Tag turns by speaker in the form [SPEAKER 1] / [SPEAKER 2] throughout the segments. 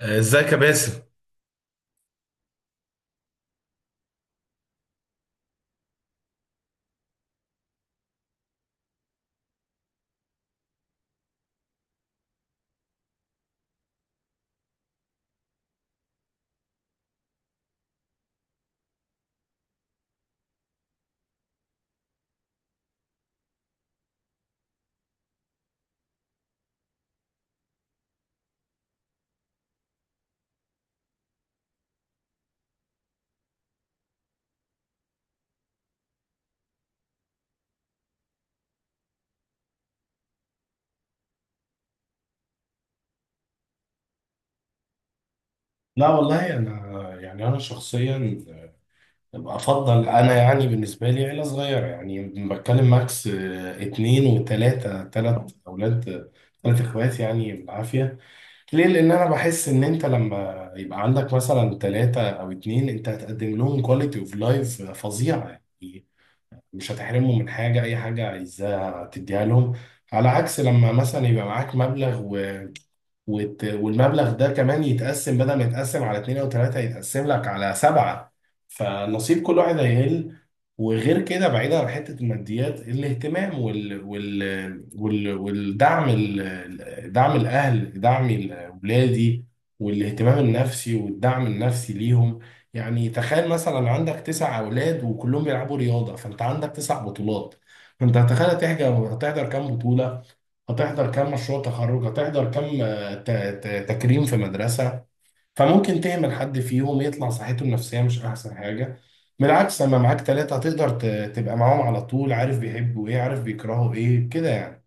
[SPEAKER 1] ازيك يا باسم؟ لا والله انا، يعني انا شخصيا افضل. انا، يعني بالنسبه لي، عيله صغيره. يعني بتكلم ماكس اتنين وتلاته. تلات اولاد، تلات اخوات يعني بالعافيه. ليه؟ لان انا بحس ان انت لما يبقى عندك مثلا تلاته او اتنين، انت هتقدم لهم كواليتي اوف لايف فظيعه. يعني مش هتحرمهم من حاجه، اي حاجه عايزاها تديها لهم. على عكس لما مثلا يبقى معاك مبلغ والمبلغ ده كمان يتقسم، بدل ما يتقسم على اتنين او تلاتة يتقسم لك على سبعة. فنصيب كل واحد هيقل. وغير كده، بعيدا عن حتة الماديات، الاهتمام والدعم، دعم الأهل، دعم أولادي، والاهتمام النفسي والدعم النفسي ليهم. يعني تخيل مثلا عندك تسع أولاد وكلهم بيلعبوا رياضة، فأنت عندك تسع بطولات. فأنت هتخيل، هتحضر كام بطولة؟ هتحضر كام مشروع تخرج؟ هتحضر كام تكريم في مدرسة؟ فممكن تهمل حد فيهم، يطلع صحته النفسية مش أحسن حاجة. بالعكس لما معاك تلاتة هتقدر تبقى معاهم على طول، عارف بيحبوا إيه، عارف بيكرهوا إيه كده يعني.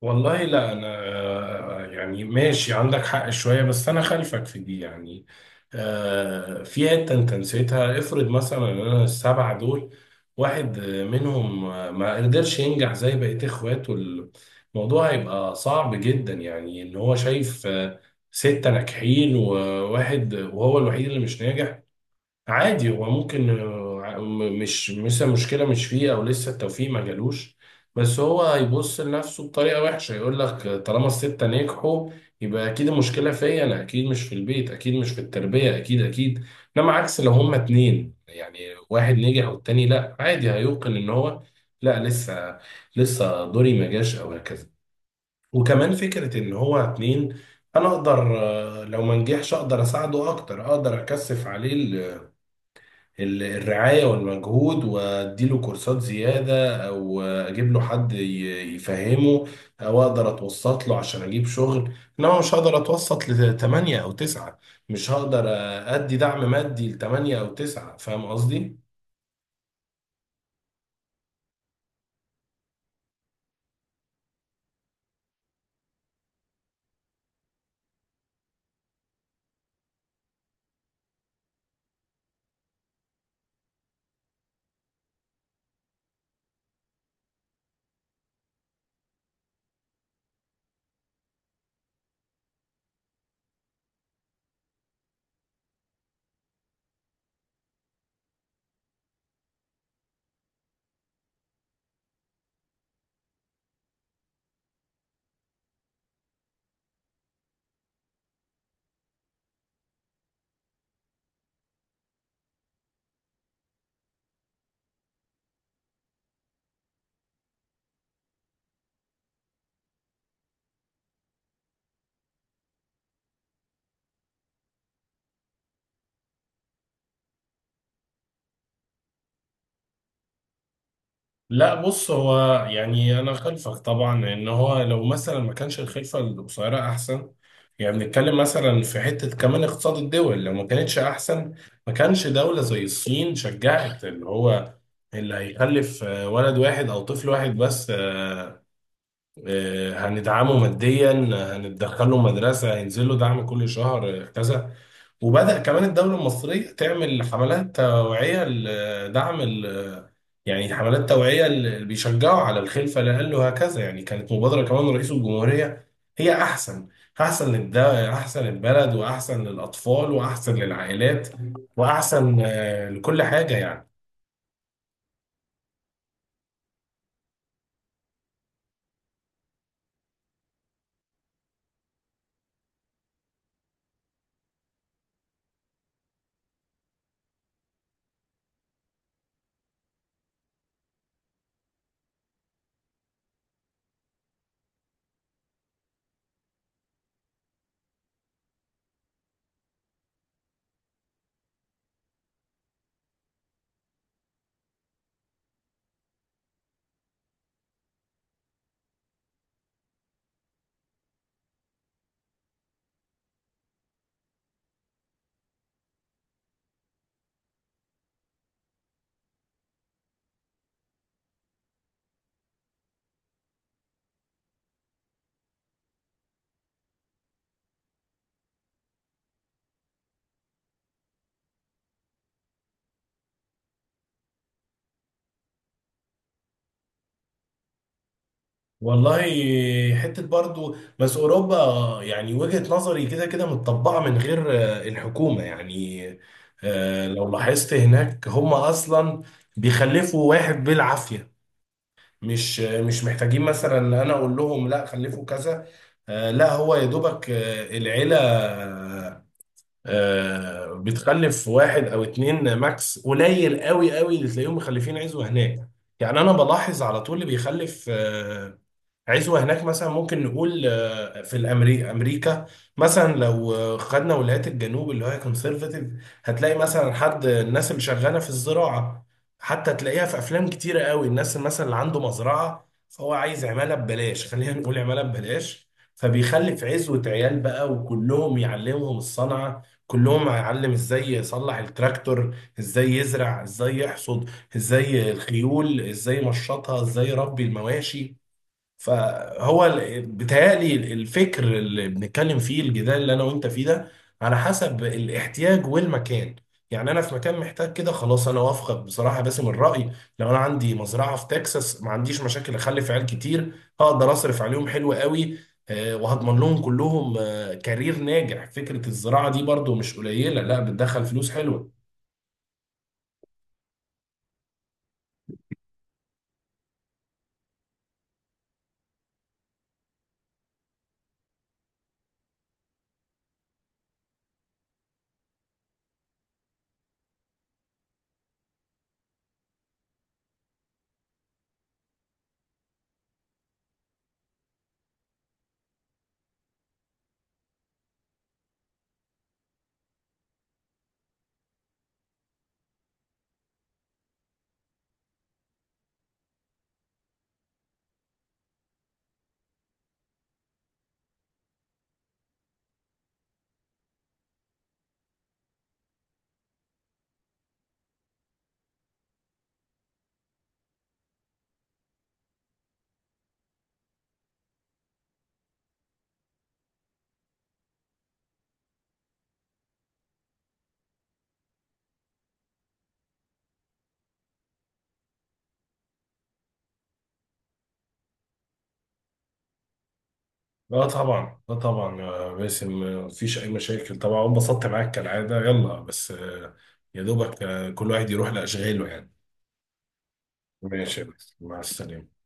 [SPEAKER 1] والله لا، انا يعني ماشي عندك حق شويه، بس انا خلفك في دي يعني. في حته انت نسيتها. افرض مثلا ان انا السبعه دول واحد منهم ما قدرش ينجح زي بقيه اخواته. الموضوع هيبقى صعب جدا، يعني ان هو شايف سته ناجحين وواحد، وهو الوحيد اللي مش ناجح. عادي هو ممكن، مش مثلا مشكلة مش فيه، أو لسه التوفيق ما جالوش. بس هو هيبص لنفسه بطريقة وحشة، يقول لك طالما الستة نجحوا يبقى أكيد المشكلة فيا أنا. أكيد مش في البيت، أكيد مش في التربية، أكيد أكيد. إنما عكس لو هما اتنين يعني، واحد نجح والتاني لأ، عادي هيوقن إن هو لأ، لسه. لسه دوري ما جاش أو هكذا. وكمان فكرة إن هو اتنين، أنا أقدر لو ما نجحش أقدر أساعده أكتر، أقدر أكثف عليه الرعاية والمجهود، واديله كورسات زيادة، او اجيب له حد يفهمه، او اقدر اتوسط له عشان اجيب شغل. انما مش هقدر اتوسط لثمانية او تسعة، مش هقدر ادي دعم مادي لثمانية او تسعة، فاهم قصدي؟ لا بص، هو يعني انا خلفك طبعا، لان هو لو مثلا ما كانش الخلفه القصيره احسن. يعني بنتكلم مثلا في حته كمان اقتصاد الدول، لو ما كانتش احسن ما كانش دوله زي الصين شجعت اللي هو اللي هيخلف ولد واحد او طفل واحد بس. هندعمه ماديا، هندخله مدرسه، هينزل له دعم كل شهر، كذا. وبدأ كمان الدوله المصريه تعمل حملات توعيه لدعم، يعني حملات توعية اللي بيشجعوا على الخلفة لأقل وهكذا. يعني كانت مبادرة كمان رئيس الجمهورية. هي أحسن، أحسن للده، أحسن للبلد، وأحسن للأطفال، وأحسن للعائلات، وأحسن لكل حاجة يعني. والله، حتة برضو بس أوروبا، يعني وجهة نظري كده كده متطبقة من غير الحكومة يعني. لو لاحظت هناك هم أصلا بيخلفوا واحد بالعافية. مش محتاجين مثلا انا اقول لهم لا خلفوا كذا. لا، هو يا دوبك، العيلة بتخلف واحد او اتنين ماكس. قليل قوي قوي اللي تلاقيهم مخلفين عزوة هناك. يعني انا بلاحظ على طول اللي بيخلف عزوة هناك، مثلا ممكن نقول في أمريكا. مثلا لو خدنا ولايات الجنوب اللي هي كونسرفاتيف. هتلاقي مثلا حد الناس اللي شغالة في الزراعة. حتى تلاقيها في أفلام كتيرة قوي، الناس اللي مثلا اللي عنده مزرعة، فهو عايز عمالة ببلاش، خلينا نقول عمالة ببلاش. فبيخلي في عزوة عيال بقى، وكلهم يعلمهم الصنعة، كلهم هيعلم ازاي يصلح التراكتور، ازاي يزرع، ازاي يحصد، ازاي الخيول، ازاي يمشطها، ازاي يربي المواشي. فهو بيتهيألي الفكر اللي بنتكلم فيه، الجدال اللي انا وانت فيه ده، على حسب الاحتياج والمكان. يعني انا في مكان محتاج كده، خلاص انا وافقك بصراحه باسم الراي. لو انا عندي مزرعه في تكساس ما عنديش مشاكل اخلف عيال كتير. هقدر اصرف عليهم حلو قوي، وهضمن لهم كلهم كارير ناجح. فكره الزراعه دي برضو مش قليله، لا بتدخل فلوس حلوه. لا طبعا، لا طبعا يا باسم، مفيش اي مشاكل طبعا، انبسطت معاك كالعاده. يلا، بس يا دوبك، كل واحد يروح لاشغاله يعني. ماشي يا باسم، مع السلامه.